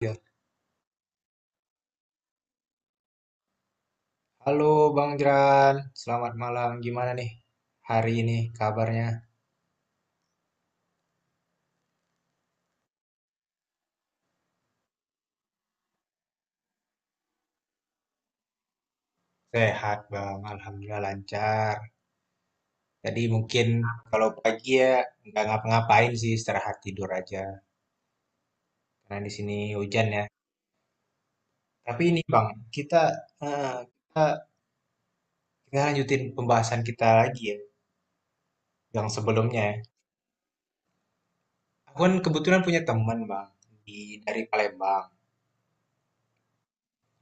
Ya. Halo Bang Jeran, selamat malam. Gimana nih hari ini kabarnya? Sehat Bang, Alhamdulillah lancar. Tadi mungkin kalau pagi ya nggak ngapa-ngapain sih, istirahat tidur aja. Karena di sini hujan ya. Tapi ini Bang, kita, eh, kita, kita lanjutin pembahasan kita lagi ya, yang sebelumnya. Ya. Aku kan kebetulan punya teman Bang, dari Palembang.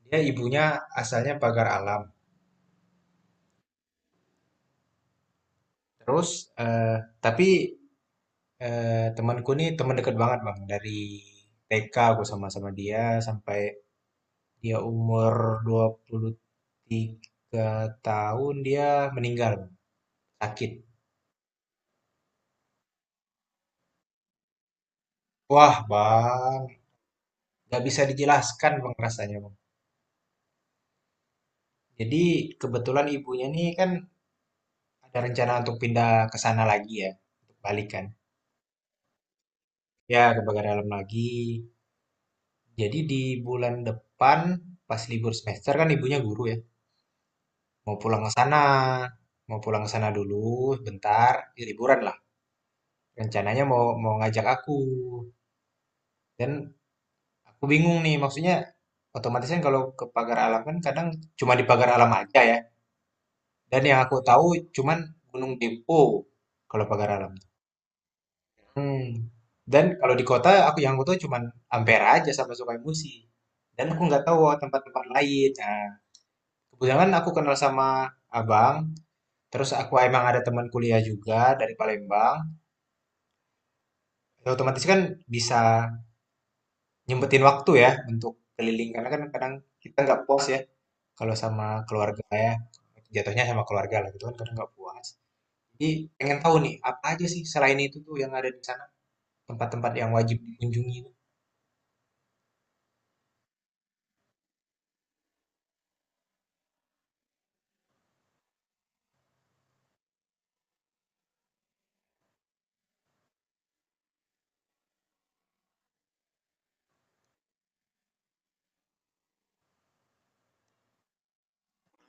Dia ibunya asalnya Pagar Alam. Terus, eh, tapi Eh, Temanku nih teman dekat banget bang dari TK aku sama-sama dia sampai dia umur 23 tahun dia meninggal Bang. Sakit. Wah bang, nggak bisa dijelaskan bang rasanya bang. Jadi kebetulan ibunya nih kan ada rencana untuk pindah ke sana lagi ya, untuk balik kan. Ya ke Bagan dalam lagi. Jadi di bulan depan pas libur semester kan ibunya guru ya. Mau pulang ke sana, mau pulang ke sana dulu bentar, ya liburan lah. Rencananya mau mau ngajak aku. Dan aku bingung nih, maksudnya otomatis kan kalau ke Pagar Alam kan kadang cuma di Pagar Alam aja ya. Dan yang aku tahu cuman Gunung Dempo kalau Pagar Alam. Hmm. Dan kalau di kota aku yang aku tahu cuman Ampera aja sama Musi. Dan aku nggak tahu tempat-tempat lain. Nah, kebetulan aku kenal sama abang, terus aku emang ada teman kuliah juga dari Palembang. Ya, otomatis kan bisa nyempetin waktu ya untuk keliling karena kan kadang kita nggak puas ya kalau sama keluarga ya, jatuhnya sama keluarga lah gitu kan kadang nggak puas, jadi pengen tahu nih apa aja sih selain itu tuh yang ada di sana, tempat-tempat yang wajib dikunjungi.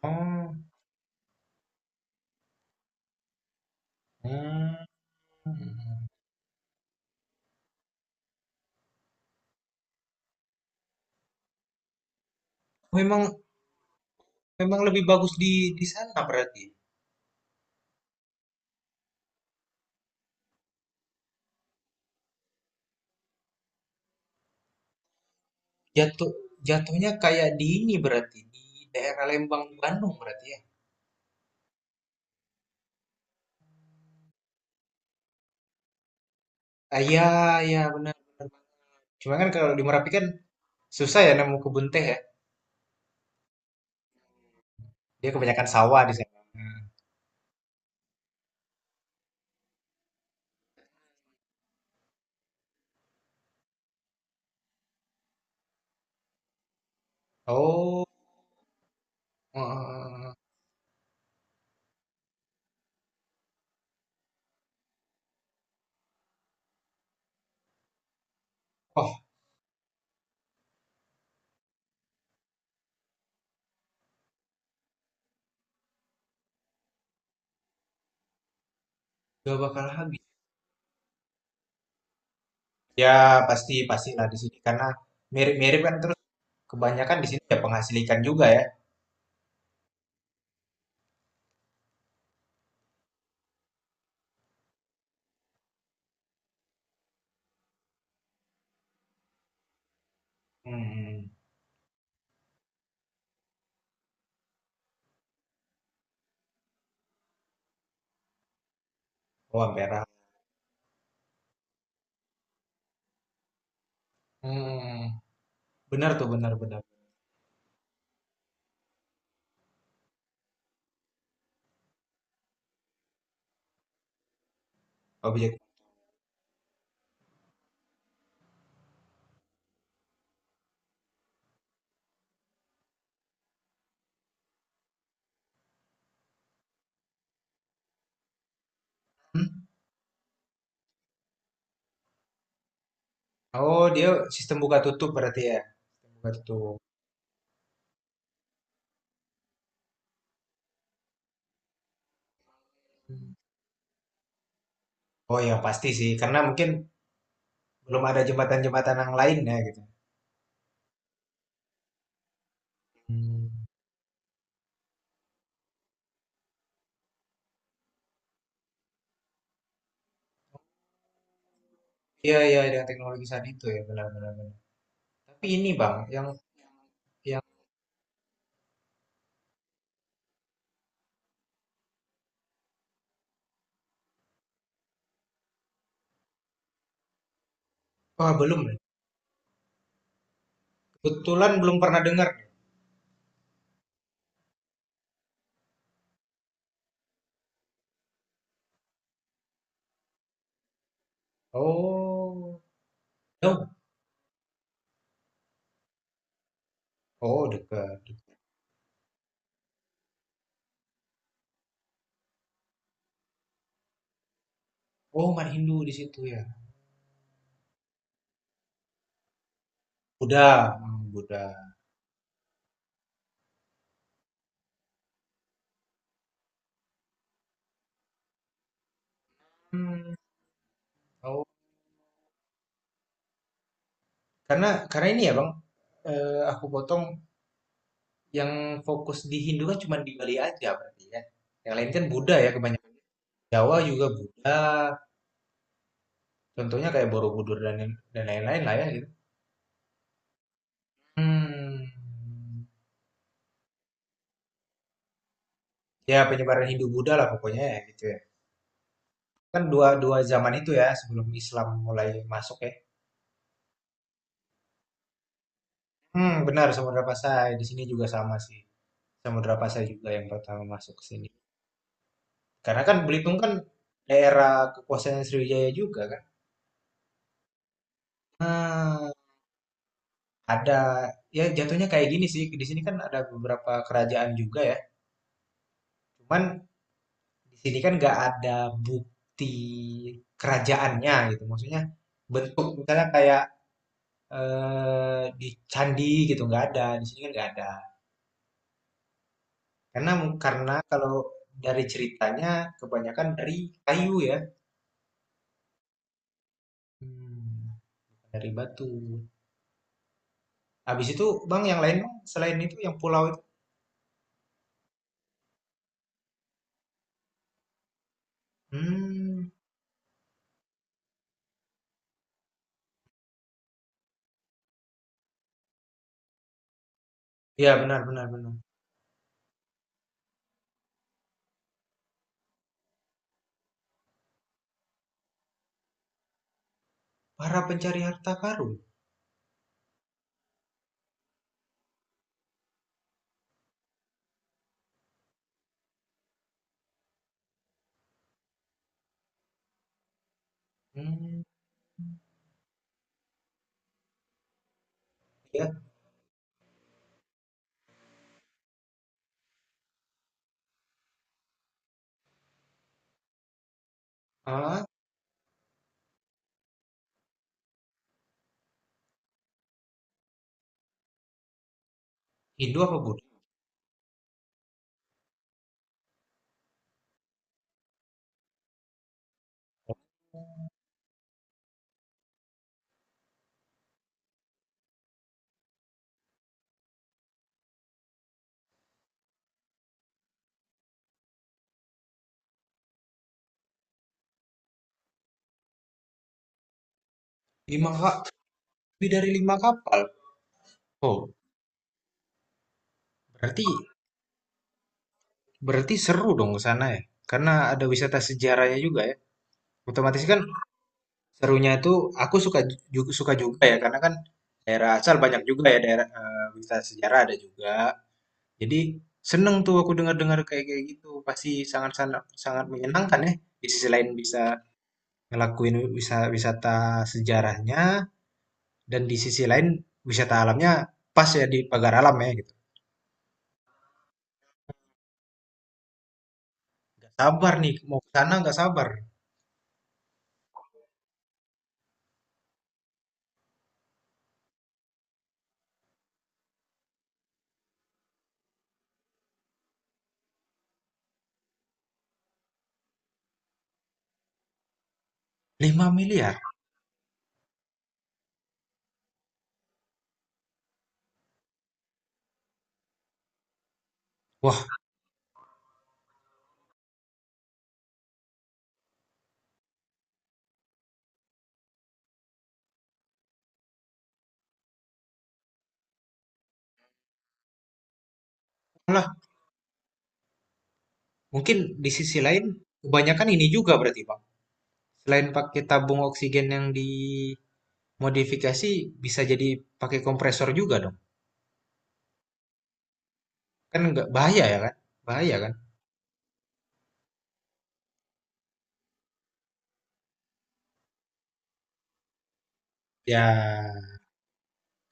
Oh. Hmm. Memang memang lebih bagus di sana berarti. Jatuh jatuhnya kayak di ini berarti di daerah Lembang Bandung berarti ya. Ah, ya, ya benar benar. Cuma kan kalau di Merapi kan, susah ya nemu kebun teh ya? Dia kebanyakan sawah di sana. Oh, eh, oh, gak bakal habis. Ya pasti pastilah di sini karena mirip-mirip kan, terus kebanyakan di sini ya penghasil ikan juga ya. Hmm, oh merah. Hmm, benar tuh benar benar. Objek. Hmm. Oh dia sistem buka tutup berarti ya, buka tutup. Hmm. Oh ya pasti sih karena mungkin belum ada jembatan-jembatan yang lain ya gitu. Hmm. Iya iya dengan teknologi saat itu ya benar benar benar. Tapi ini bang yang yang wah, belum ya? Kebetulan belum pernah dengar. Oh, jauh. Oh, dekat. Oh, Mat Hindu di situ ya. Buddha, hmm, Buddha. Hmm. Oh, karena ini ya Bang, aku potong yang fokus di Hindu kan cuma di Bali aja berarti ya. Yang lain kan Buddha ya kebanyakan. Jawa juga Buddha. Contohnya kayak Borobudur dan lain-lain lah ya gitu. Hmm. Ya penyebaran Hindu Buddha lah pokoknya ya gitu ya. Kan dua dua zaman itu ya sebelum Islam mulai masuk ya. Hmm, benar Samudra Pasai. Di sini juga sama sih. Samudra Pasai juga yang pertama masuk ke sini. Karena kan Belitung kan daerah kekuasaan Sriwijaya juga kan. Hmm, ada, ya jatuhnya kayak gini sih. Di sini kan ada beberapa kerajaan juga ya. Cuman di sini kan nggak ada bukti kerajaannya gitu. Maksudnya bentuk misalnya kayak di candi gitu nggak ada. Di sini kan nggak ada. Karena kalau dari ceritanya kebanyakan dari kayu ya. Mmm, dari Batu. Habis itu, Bang, yang lain, Bang, selain itu yang pulau itu? Mmm, iya benar benar benar. Para pencari harta karun? Hmm. Ya. Ah. Hindu apa Buddha? 5 ka lebih dari lima kapal? Oh, berarti, berarti seru dong ke sana ya? Karena ada wisata sejarahnya juga ya? Otomatis kan serunya itu aku suka suka juga ya, karena kan daerah asal banyak juga ya daerah, wisata sejarah ada juga. Jadi seneng tuh aku dengar-dengar kayak kayak gitu. Pasti sangat-sangat sangat menyenangkan ya. Di sisi lain bisa ngelakuin wisata sejarahnya, dan di sisi lain wisata alamnya pas ya di Pagar Alam ya gitu. Gak sabar nih mau ke sana gak sabar. 5 miliar. Wah, lah mungkin di sisi lain kebanyakan ini juga berarti Bang. Selain pakai tabung oksigen yang dimodifikasi bisa jadi pakai kompresor juga dong. Kan nggak bahaya ya kan? Bahaya kan? Ya,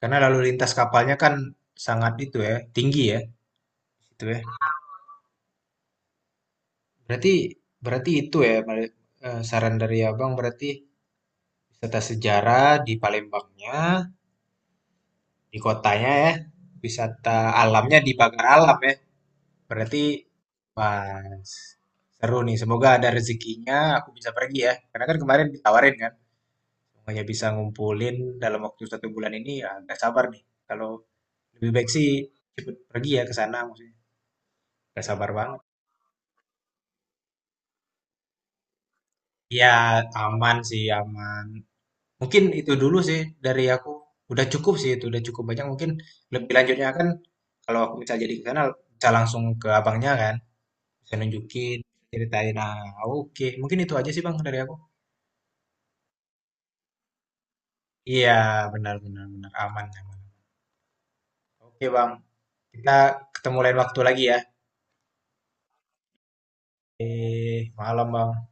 karena lalu lintas kapalnya kan sangat itu ya, tinggi ya, itu ya. Berarti, berarti itu ya, saran dari Abang berarti wisata sejarah di Palembangnya, di kotanya ya, wisata alamnya di Pagar Alam ya. Berarti pas seru nih. Semoga ada rezekinya aku bisa pergi ya. Karena kan kemarin ditawarin kan, hanya bisa ngumpulin dalam waktu 1 bulan ini, ya nggak sabar nih. Kalau lebih baik sih cepet pergi ya ke sana maksudnya. Gak sabar banget. Iya, aman sih, aman. Mungkin itu dulu sih dari aku. Udah cukup sih itu, udah cukup banyak. Mungkin lebih lanjutnya kan kalau aku misal jadi ke sana bisa langsung ke abangnya kan, bisa nunjukin, ceritain. Nah, oke. Mungkin itu aja sih Bang dari aku. Iya, benar benar benar aman aman. Oke, Bang. Kita ketemu lain waktu lagi ya. Eh, malam, Bang.